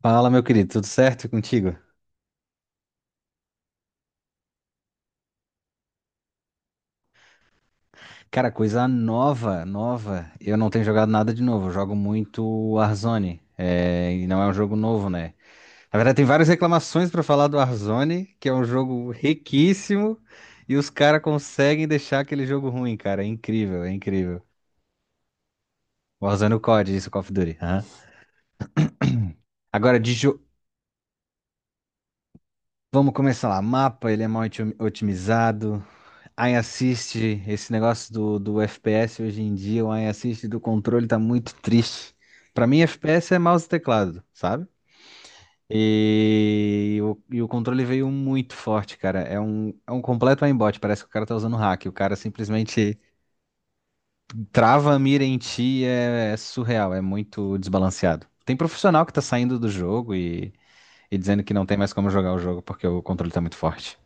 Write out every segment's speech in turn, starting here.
Fala, meu querido, tudo certo contigo? Cara, coisa nova. Eu não tenho jogado nada de novo. Eu jogo muito Warzone. É, e não é um jogo novo, né? Na verdade, tem várias reclamações pra falar do Warzone, que é um jogo riquíssimo, e os caras conseguem deixar aquele jogo ruim, cara. É incrível. Warzone é o COD, isso, Call of Duty. Aham. Agora, vamos começar lá. Mapa, ele é otimizado. Ai, assiste esse negócio do FPS hoje em dia, o ai assiste do controle tá muito triste. Pra mim, FPS é mouse e teclado, sabe? E o controle veio muito forte, cara. É um completo aimbot, parece que o cara tá usando hack. O cara simplesmente trava a mira em ti, é surreal, é muito desbalanceado. Tem profissional que tá saindo do jogo e dizendo que não tem mais como jogar o jogo porque o controle tá muito forte.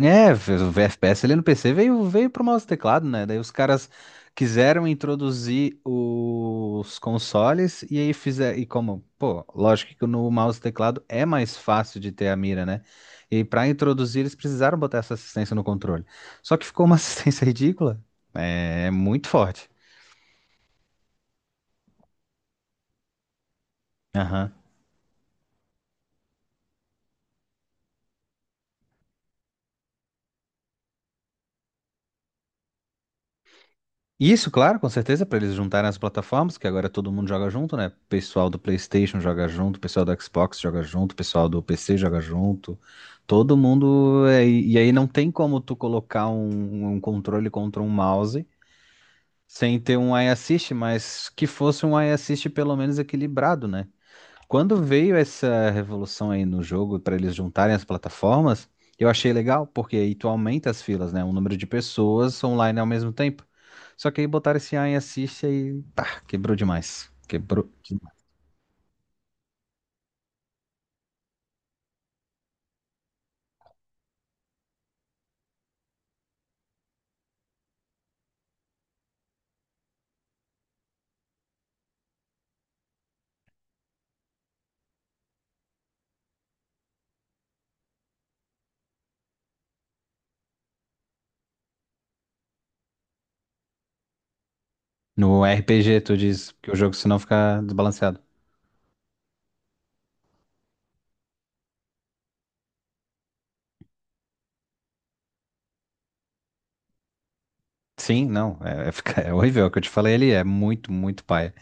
É, o FPS ali no PC veio, veio pro mouse e teclado, né? Daí os caras quiseram introduzir os consoles e aí fizeram. E como, pô, lógico que no mouse e teclado é mais fácil de ter a mira, né? E pra introduzir eles precisaram botar essa assistência no controle. Só que ficou uma assistência ridícula. É, é muito forte. Aham. Isso, claro, com certeza, para eles juntarem as plataformas, que agora todo mundo joga junto, né? Pessoal do PlayStation joga junto, pessoal do Xbox joga junto, pessoal do PC joga junto. Todo mundo. E aí não tem como tu colocar um controle contra um mouse sem ter um eye assist, mas que fosse um eye assist pelo menos equilibrado, né? Quando veio essa revolução aí no jogo para eles juntarem as plataformas, eu achei legal, porque aí tu aumenta as filas, né? O número de pessoas online ao mesmo tempo. Só que aí botaram esse AI assiste e pá, quebrou demais. Quebrou demais. No RPG, tu diz que o jogo senão fica desbalanceado. Sim, não, é horrível. O que eu te falei ali é muito paia.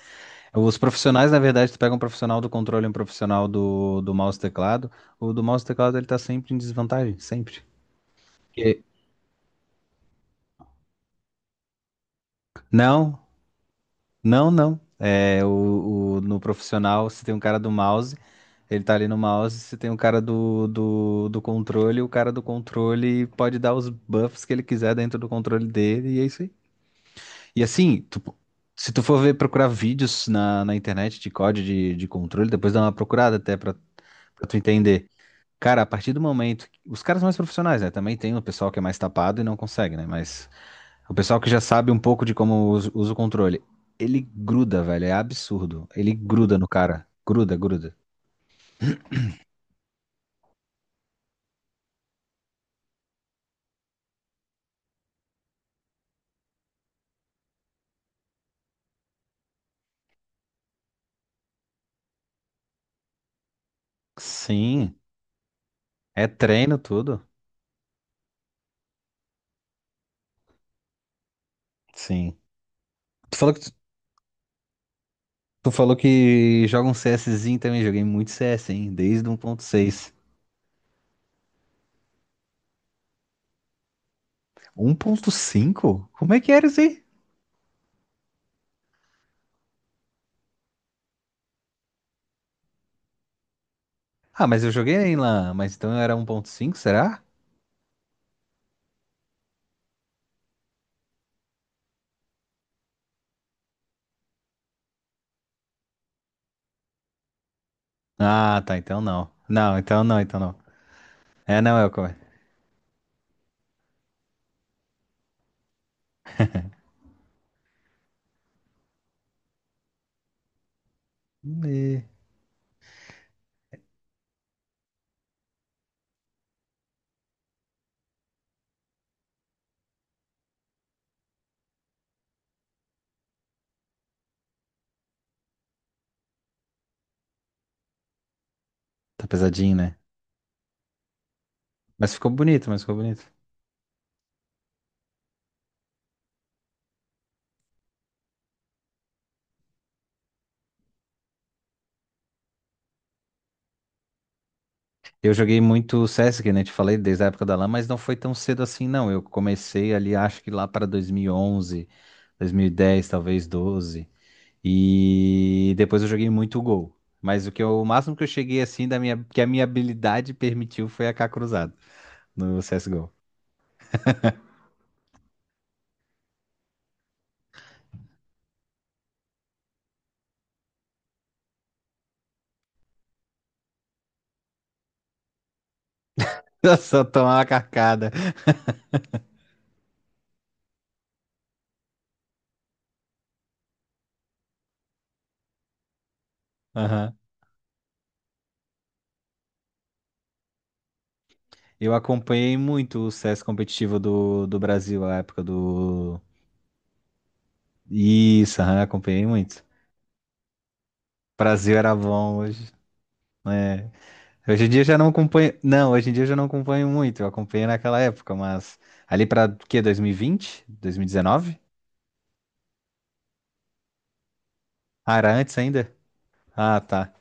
Os profissionais, na verdade, tu pega um profissional do controle e um profissional do mouse e teclado. O do mouse e teclado ele tá sempre em desvantagem, sempre. Porque- Não, Não, não. No profissional, se tem um cara do mouse, ele tá ali no mouse, se tem um cara do controle, o cara do controle pode dar os buffs que ele quiser dentro do controle dele, e é isso aí. E assim, se tu for ver procurar vídeos na internet de código de controle, depois dá uma procurada até pra, pra tu entender. Cara, a partir do momento. Os caras mais profissionais, né? Também tem o pessoal que é mais tapado e não consegue, né? Mas. O pessoal que já sabe um pouco de como usa o controle. Ele gruda, velho. É absurdo. Ele gruda no cara. Gruda, gruda. Sim. É treino tudo. Sim. Tu falou que, tu falou que joga um CSzinho também. Joguei muito CS, hein? Desde 1.6. 1.5? Como é que era isso aí? Ah, mas eu joguei em LAN. Mas então eu era 1.5, será? Ah, tá. Então não. Então não. É, não, é o. como é. Ih. Tá pesadinho, né? Mas ficou bonito. Eu joguei muito CS, que nem te falei, desde a época da LAN, mas não foi tão cedo assim, não. Eu comecei ali, acho que lá para 2011, 2010, talvez 12. E depois eu joguei muito Gol. Mas o o máximo que eu cheguei assim da minha, que a minha habilidade permitiu foi a AK cruzado no CS:GO. Só tomar uma carcada. Aham. Eu acompanhei muito o CS competitivo do Brasil, a época do. Isso, aham, acompanhei muito. Brasil era bom hoje. Hoje em dia eu já não acompanho. Não, hoje em dia eu já não acompanho muito. Eu acompanhei naquela época, mas ali pra quê? 2020? 2019? Ah, era antes ainda? Ah, tá.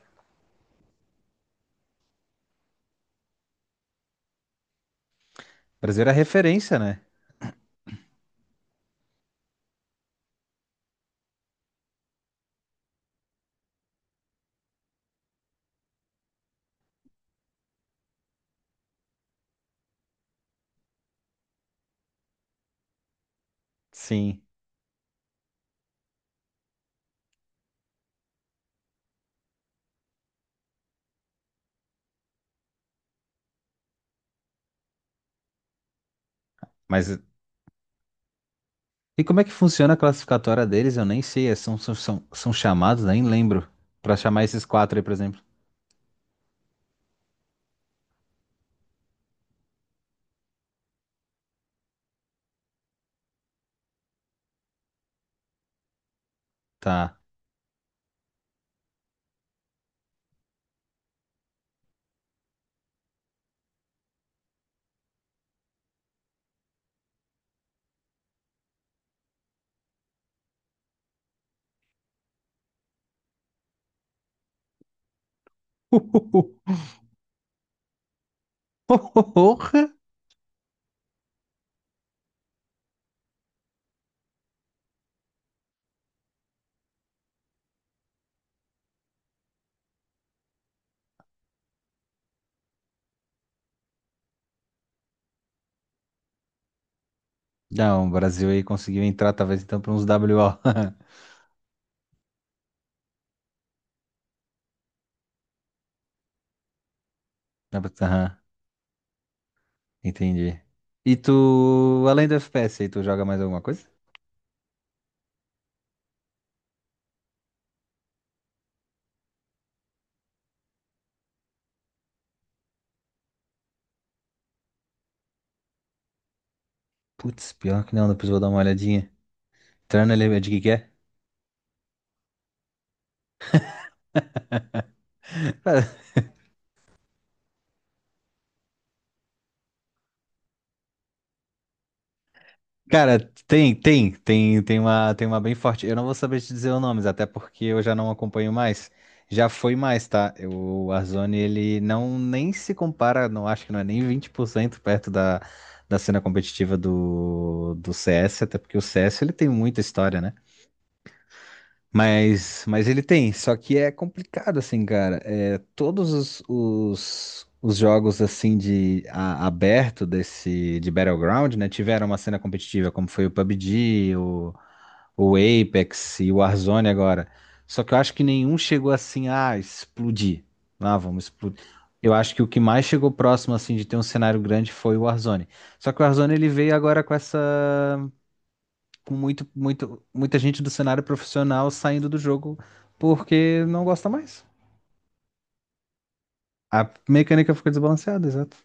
O Brasil era referência, né? Sim. Mas e como é que funciona a classificatória deles? Eu nem sei. São chamados, nem lembro. Pra chamar esses quatro aí, por exemplo. Tá. Porra! Não, o Brasil aí conseguiu entrar, talvez então, pra uns WO. Aham, entendi. E tu, além do FPS aí, tu joga mais alguma coisa? Putz, pior que não, depois eu vou dar uma olhadinha. Terno ele é de que é? Cara, tem uma bem forte. Eu não vou saber te dizer os nomes, até porque eu já não acompanho mais. Já foi mais, tá? O Warzone, ele não nem se compara, não acho que não é nem 20% perto da, da cena competitiva do CS, até porque o CS ele tem muita história, né? Mas ele tem, só que é complicado assim, cara. É, todos os jogos assim de aberto desse de Battleground, né, tiveram uma cena competitiva, como foi o PUBG, o Apex e o Warzone agora. Só que eu acho que nenhum chegou assim a explodir. Ah, vamos explodir. Eu acho que o que mais chegou próximo assim de ter um cenário grande foi o Warzone. Só que o Warzone ele veio agora com muita gente do cenário profissional saindo do jogo porque não gosta mais. A mecânica ficou desbalanceada, exato.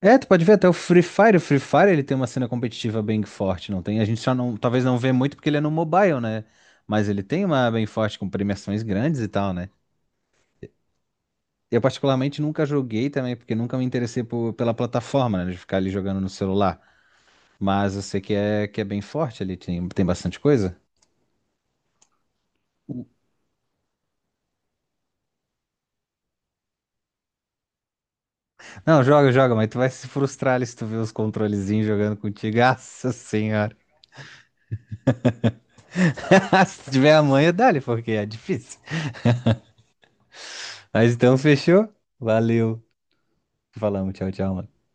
É, tu pode ver até o Free Fire. O Free Fire ele tem uma cena competitiva bem forte, não tem? A gente só não, talvez não vê muito porque ele é no mobile, né? Mas ele tem uma bem forte com premiações grandes e tal, né? Eu particularmente nunca joguei também porque nunca me interessei pela plataforma, né? De ficar ali jogando no celular. Mas eu sei que é bem forte ali, tem, tem bastante coisa. Não, joga, joga, mas tu vai se frustrar ali se tu ver os controlezinhos jogando contigo. Nossa senhora. Se tu tiver a manha, dá-lhe, porque é difícil. Mas então, fechou? Valeu. Falamos, tchau, tchau, mano.